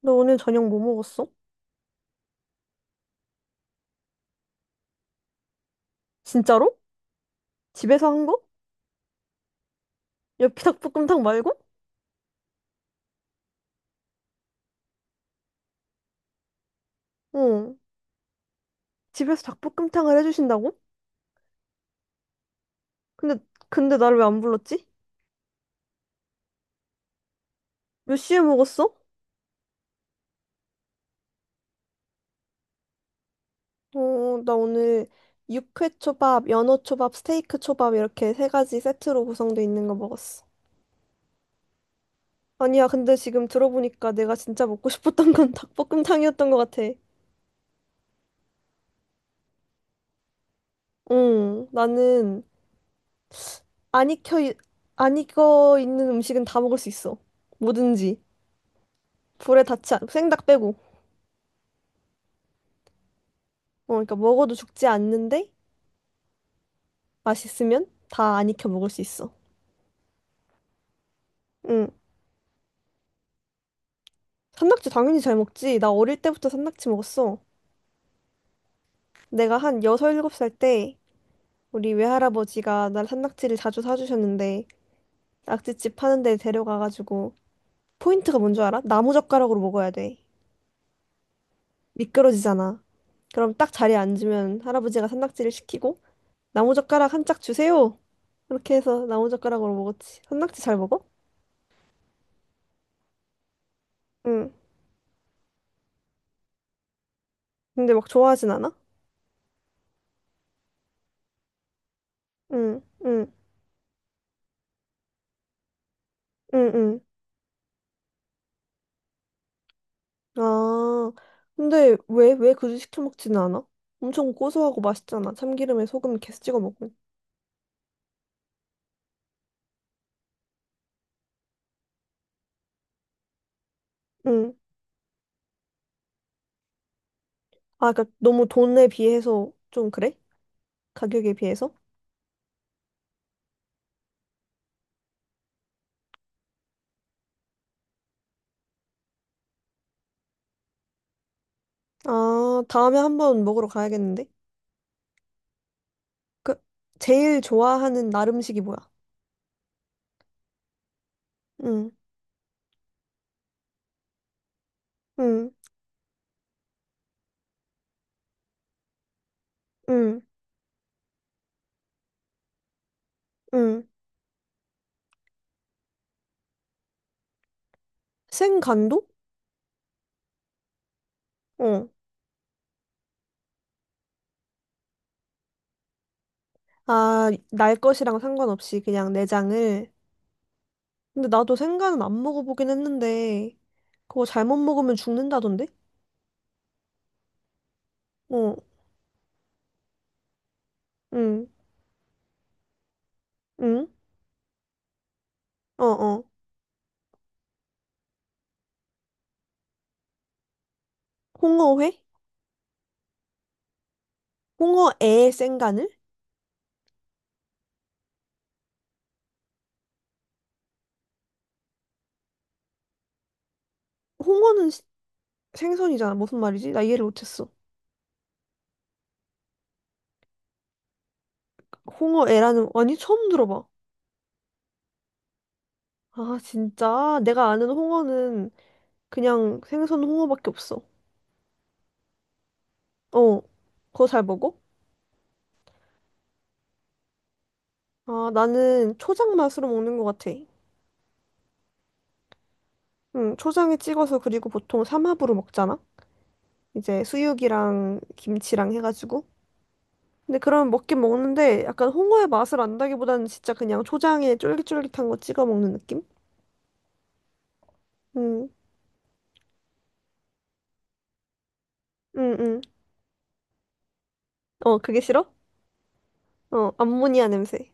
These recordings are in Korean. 너 오늘 저녁 뭐 먹었어? 진짜로? 집에서 한 거? 엽기 닭볶음탕 말고? 응. 집에서 닭볶음탕을 해주신다고? 근데, 근데 나를 왜 안 불렀지? 몇 시에 먹었어? 어, 나 오늘 육회 초밥, 연어 초밥, 스테이크 초밥 이렇게 세 가지 세트로 구성돼 있는 거 먹었어. 아니야, 근데 지금 들어보니까 내가 진짜 먹고 싶었던 건 닭볶음탕이었던 것 같아. 응, 나는 안 익혀, 안 익어 있는 음식은 다 먹을 수 있어. 뭐든지. 불에 닿지 않, 생닭 빼고. 어, 그러니까 먹어도 죽지 않는데 맛있으면 다 안 익혀 먹을 수 있어. 응. 산낙지 당연히 잘 먹지. 나 어릴 때부터 산낙지 먹었어. 내가 한 6~7살 때 우리 외할아버지가 날 산낙지를 자주 사주셨는데 낙지집 파는 데 데려가가지고 포인트가 뭔 줄 알아? 나무젓가락으로 먹어야 돼. 미끄러지잖아. 그럼 딱 자리에 앉으면 할아버지가 산낙지를 시키고 나무젓가락 한 짝 주세요. 이렇게 해서 나무젓가락으로 먹었지. 산낙지 잘 먹어? 응. 근데 막 좋아하진 않아? 응, 응, 응, 응. 아, 근데 왜 굳이 시켜 먹지는 않아? 엄청 고소하고 맛있잖아. 참기름에 소금 계속 찍어 먹으면. 응. 아, 그러니까 너무 돈에 비해서 좀 그래? 가격에 비해서? 아, 다음에 한번 먹으러 가야겠는데? 그, 제일 좋아하는 날 음식이 뭐야? 응, 응, 응, 응. 생간도? 어. 아, 날 것이랑 상관없이 그냥 내장을. 근데 나도 생간은 안 먹어보긴 했는데, 그거 잘못 먹으면 죽는다던데? 어, 응, 응. 어, 어. 홍어회? 홍어애 생간을? 홍어는 생선이잖아. 무슨 말이지? 나 이해를 못했어. 홍어애라는, 아니, 처음 들어봐. 아, 진짜. 내가 아는 홍어는 그냥 생선 홍어밖에 없어. 어. 그거 잘 먹어? 아, 나는 초장 맛으로 먹는 것 같아. 응, 초장에 찍어서 그리고 보통 삼합으로 먹잖아? 이제 수육이랑 김치랑 해가지고. 근데 그러면 먹긴 먹는데 약간 홍어의 맛을 안다기보다는 진짜 그냥 초장에 쫄깃쫄깃한 거 찍어 먹는 느낌? 음, 응, 응. 어, 그게 싫어? 어, 암모니아 냄새.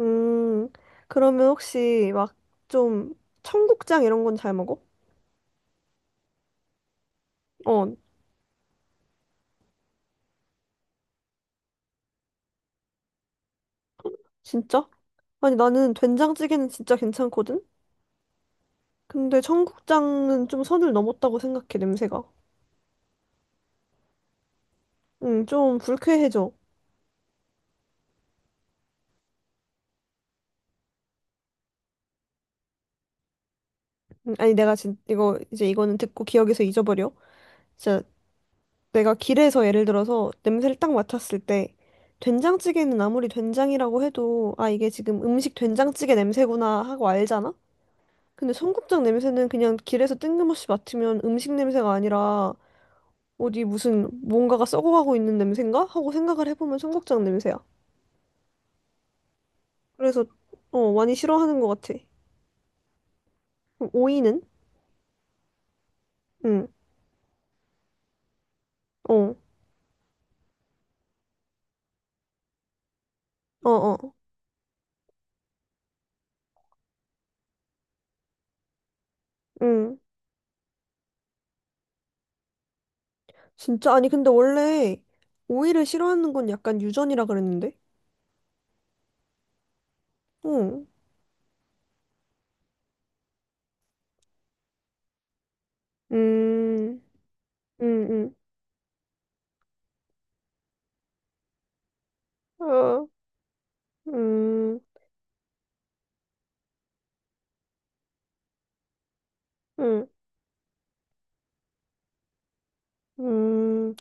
음, 그러면 혹시 막 좀 청국장 이런 건 잘 먹어? 어, 진짜? 아니, 나는 된장찌개는 진짜 괜찮거든? 근데 청국장은 좀 선을 넘었다고 생각해, 냄새가. 응, 좀 불쾌해져. 아니, 내가 이제 이거는 듣고 기억에서 잊어버려. 진짜 내가 길에서 예를 들어서 냄새를 딱 맡았을 때 된장찌개는 아무리 된장이라고 해도 아, 이게 지금 음식 된장찌개 냄새구나 하고 알잖아? 근데 청국장 냄새는 그냥 길에서 뜬금없이 맡으면 음식 냄새가 아니라 어디 무슨 뭔가가 썩어가고 있는 냄새인가? 하고 생각을 해보면 청국장 냄새야. 그래서 어 많이 싫어하는 것 같아. 그럼 오이는? 응. 어. 어 어. 응. 진짜 아니 근데 원래 오이를 싫어하는 건 약간 유전이라 그랬는데. 응. 음. 음. 음. 어. 음. 음. 음.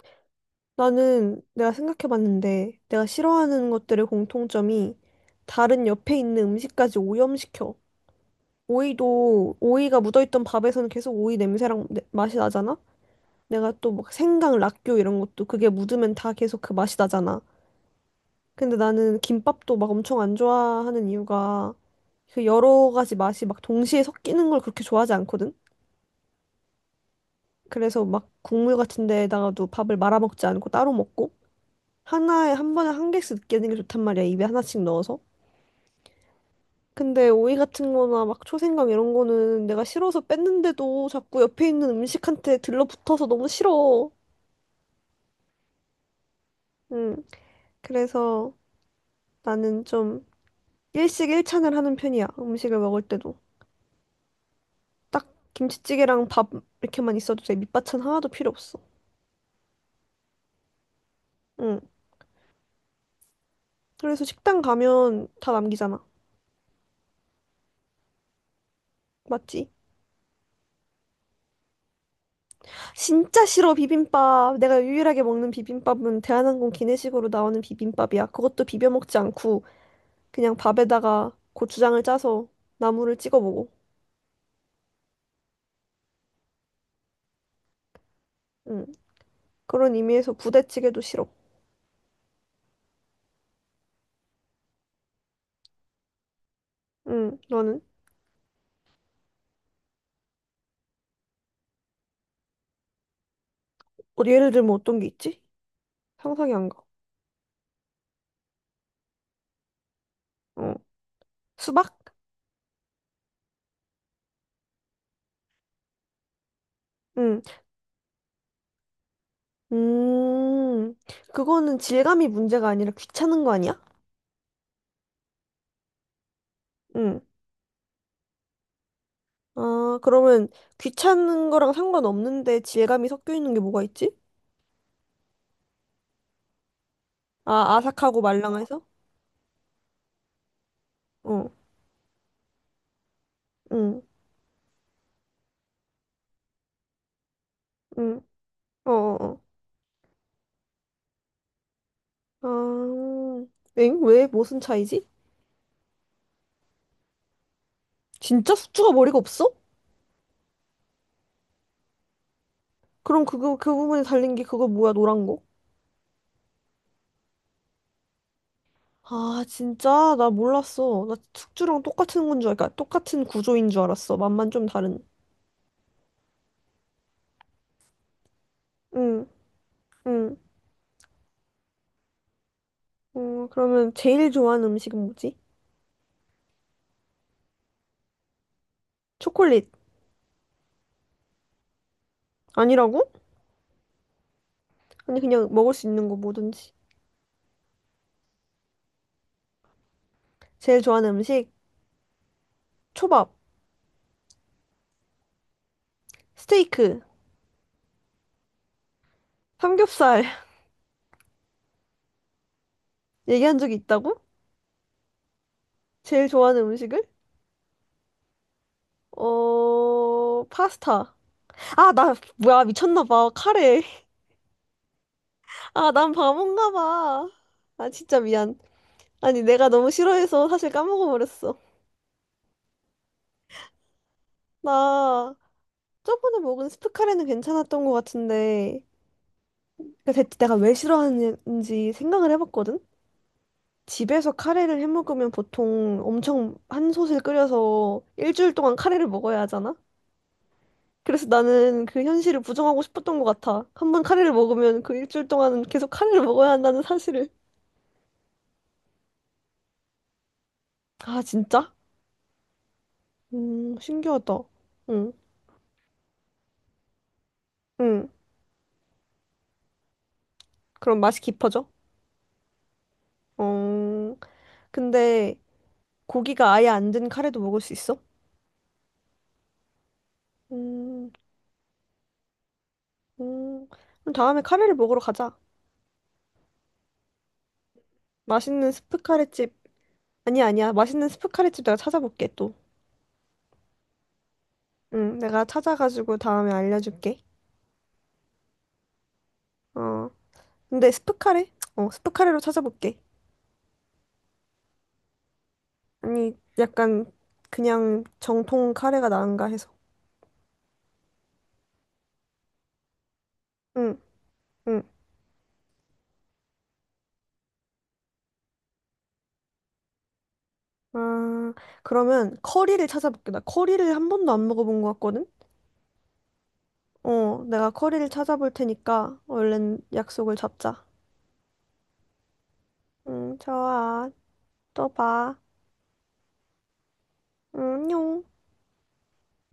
나는 내가 생각해봤는데 내가 싫어하는 것들의 공통점이 다른 옆에 있는 음식까지 오염시켜. 오이도 오이가 묻어있던 밥에서는 계속 오이 냄새랑 맛이 나잖아. 내가 또 막 생강, 락교 이런 것도 그게 묻으면 다 계속 그 맛이 나잖아. 근데 나는 김밥도 막 엄청 안 좋아하는 이유가 그 여러 가지 맛이 막 동시에 섞이는 걸 그렇게 좋아하지 않거든. 그래서 막 국물 같은 데다가도 밥을 말아먹지 않고 따로 먹고. 하나에 한 번에 한 개씩 넣게 되는 게 좋단 말이야. 입에 하나씩 넣어서. 근데 오이 같은 거나 막 초생강 이런 거는 내가 싫어서 뺐는데도 자꾸 옆에 있는 음식한테 들러붙어서 너무 싫어. 응. 그래서 나는 좀 일식 일찬을 하는 편이야. 음식을 먹을 때도. 딱 김치찌개랑 밥 이렇게만 있어도 돼. 밑반찬 하나도 필요 없어. 응. 그래서 식당 가면 다 남기잖아. 맞지? 진짜 싫어, 비빔밥. 내가 유일하게 먹는 비빔밥은 대한항공 기내식으로 나오는 비빔밥이야. 그것도 비벼 먹지 않고 그냥 밥에다가 고추장을 짜서 나물을 찍어 먹어. 응. 그런 의미에서 부대찌개도 싫어. 응. 너는? 어, 예를 들면 어떤 게 있지? 상상이 안 가. 어. 수박? 응. 음. 그거는 질감이 문제가 아니라 귀찮은 거 아니야? 응. 아, 그러면 귀찮은 거랑 상관없는데 질감이 섞여 있는 게 뭐가 있지? 아, 아삭하고 말랑해서? 어 응, 응, 어, 어, 어. 아, 엥? 왜? 무슨 차이지? 진짜 숙주가 머리가 없어? 그럼 그거, 그 부분에 달린 게 그거 뭐야, 노란 거? 아, 진짜? 나 몰랐어. 나 숙주랑 똑같은 건 줄 알까? 똑같은 구조인 줄 알았어. 맛만 좀 다른. 응, 응. 어, 그러면 제일 좋아하는 음식은 뭐지? 초콜릿. 아니라고? 아니, 그냥 먹을 수 있는 거 뭐든지. 제일 좋아하는 음식? 초밥. 스테이크. 삼겹살. 얘기한 적이 있다고? 제일 좋아하는 음식을? 어, 파스타. 아, 나, 뭐야, 미쳤나 봐. 카레. 아, 난 바본가 봐. 아, 진짜 미안. 아니, 내가 너무 싫어해서 사실 까먹어버렸어. 나, 저번에 먹은 스프 카레는 괜찮았던 것 같은데, 그 대체 내가 왜 싫어하는지 생각을 해봤거든? 집에서 카레를 해 먹으면 보통 엄청 한 솥을 끓여서 일주일 동안 카레를 먹어야 하잖아? 그래서 나는 그 현실을 부정하고 싶었던 것 같아. 한 번 카레를 먹으면 그 일주일 동안은 계속 카레를 먹어야 한다는 사실을. 아, 진짜? 신기하다. 응, 응. 그럼 맛이 깊어져? 어, 근데 고기가 아예 안 든 카레도 먹을 수 있어? 음, 음. 그럼 다음에 카레를 먹으러 가자. 맛있는 스프 카레집. 아니야, 아니야. 맛있는 스프 카레집 내가 찾아볼게, 또. 응, 내가 찾아가지고 다음에 알려줄게. 어, 근데 스프 카레? 어, 스프 카레로 찾아볼게. 아니, 약간 그냥 정통 카레가 나은가 해서. 응, 응. 아, 그러면 커리를 찾아볼게. 나 커리를 한 번도 안 먹어본 것 같거든? 어, 내가 커리를 찾아볼 테니까 얼른 약속을 잡자. 응, 좋아. 또 봐. 응, 안녕.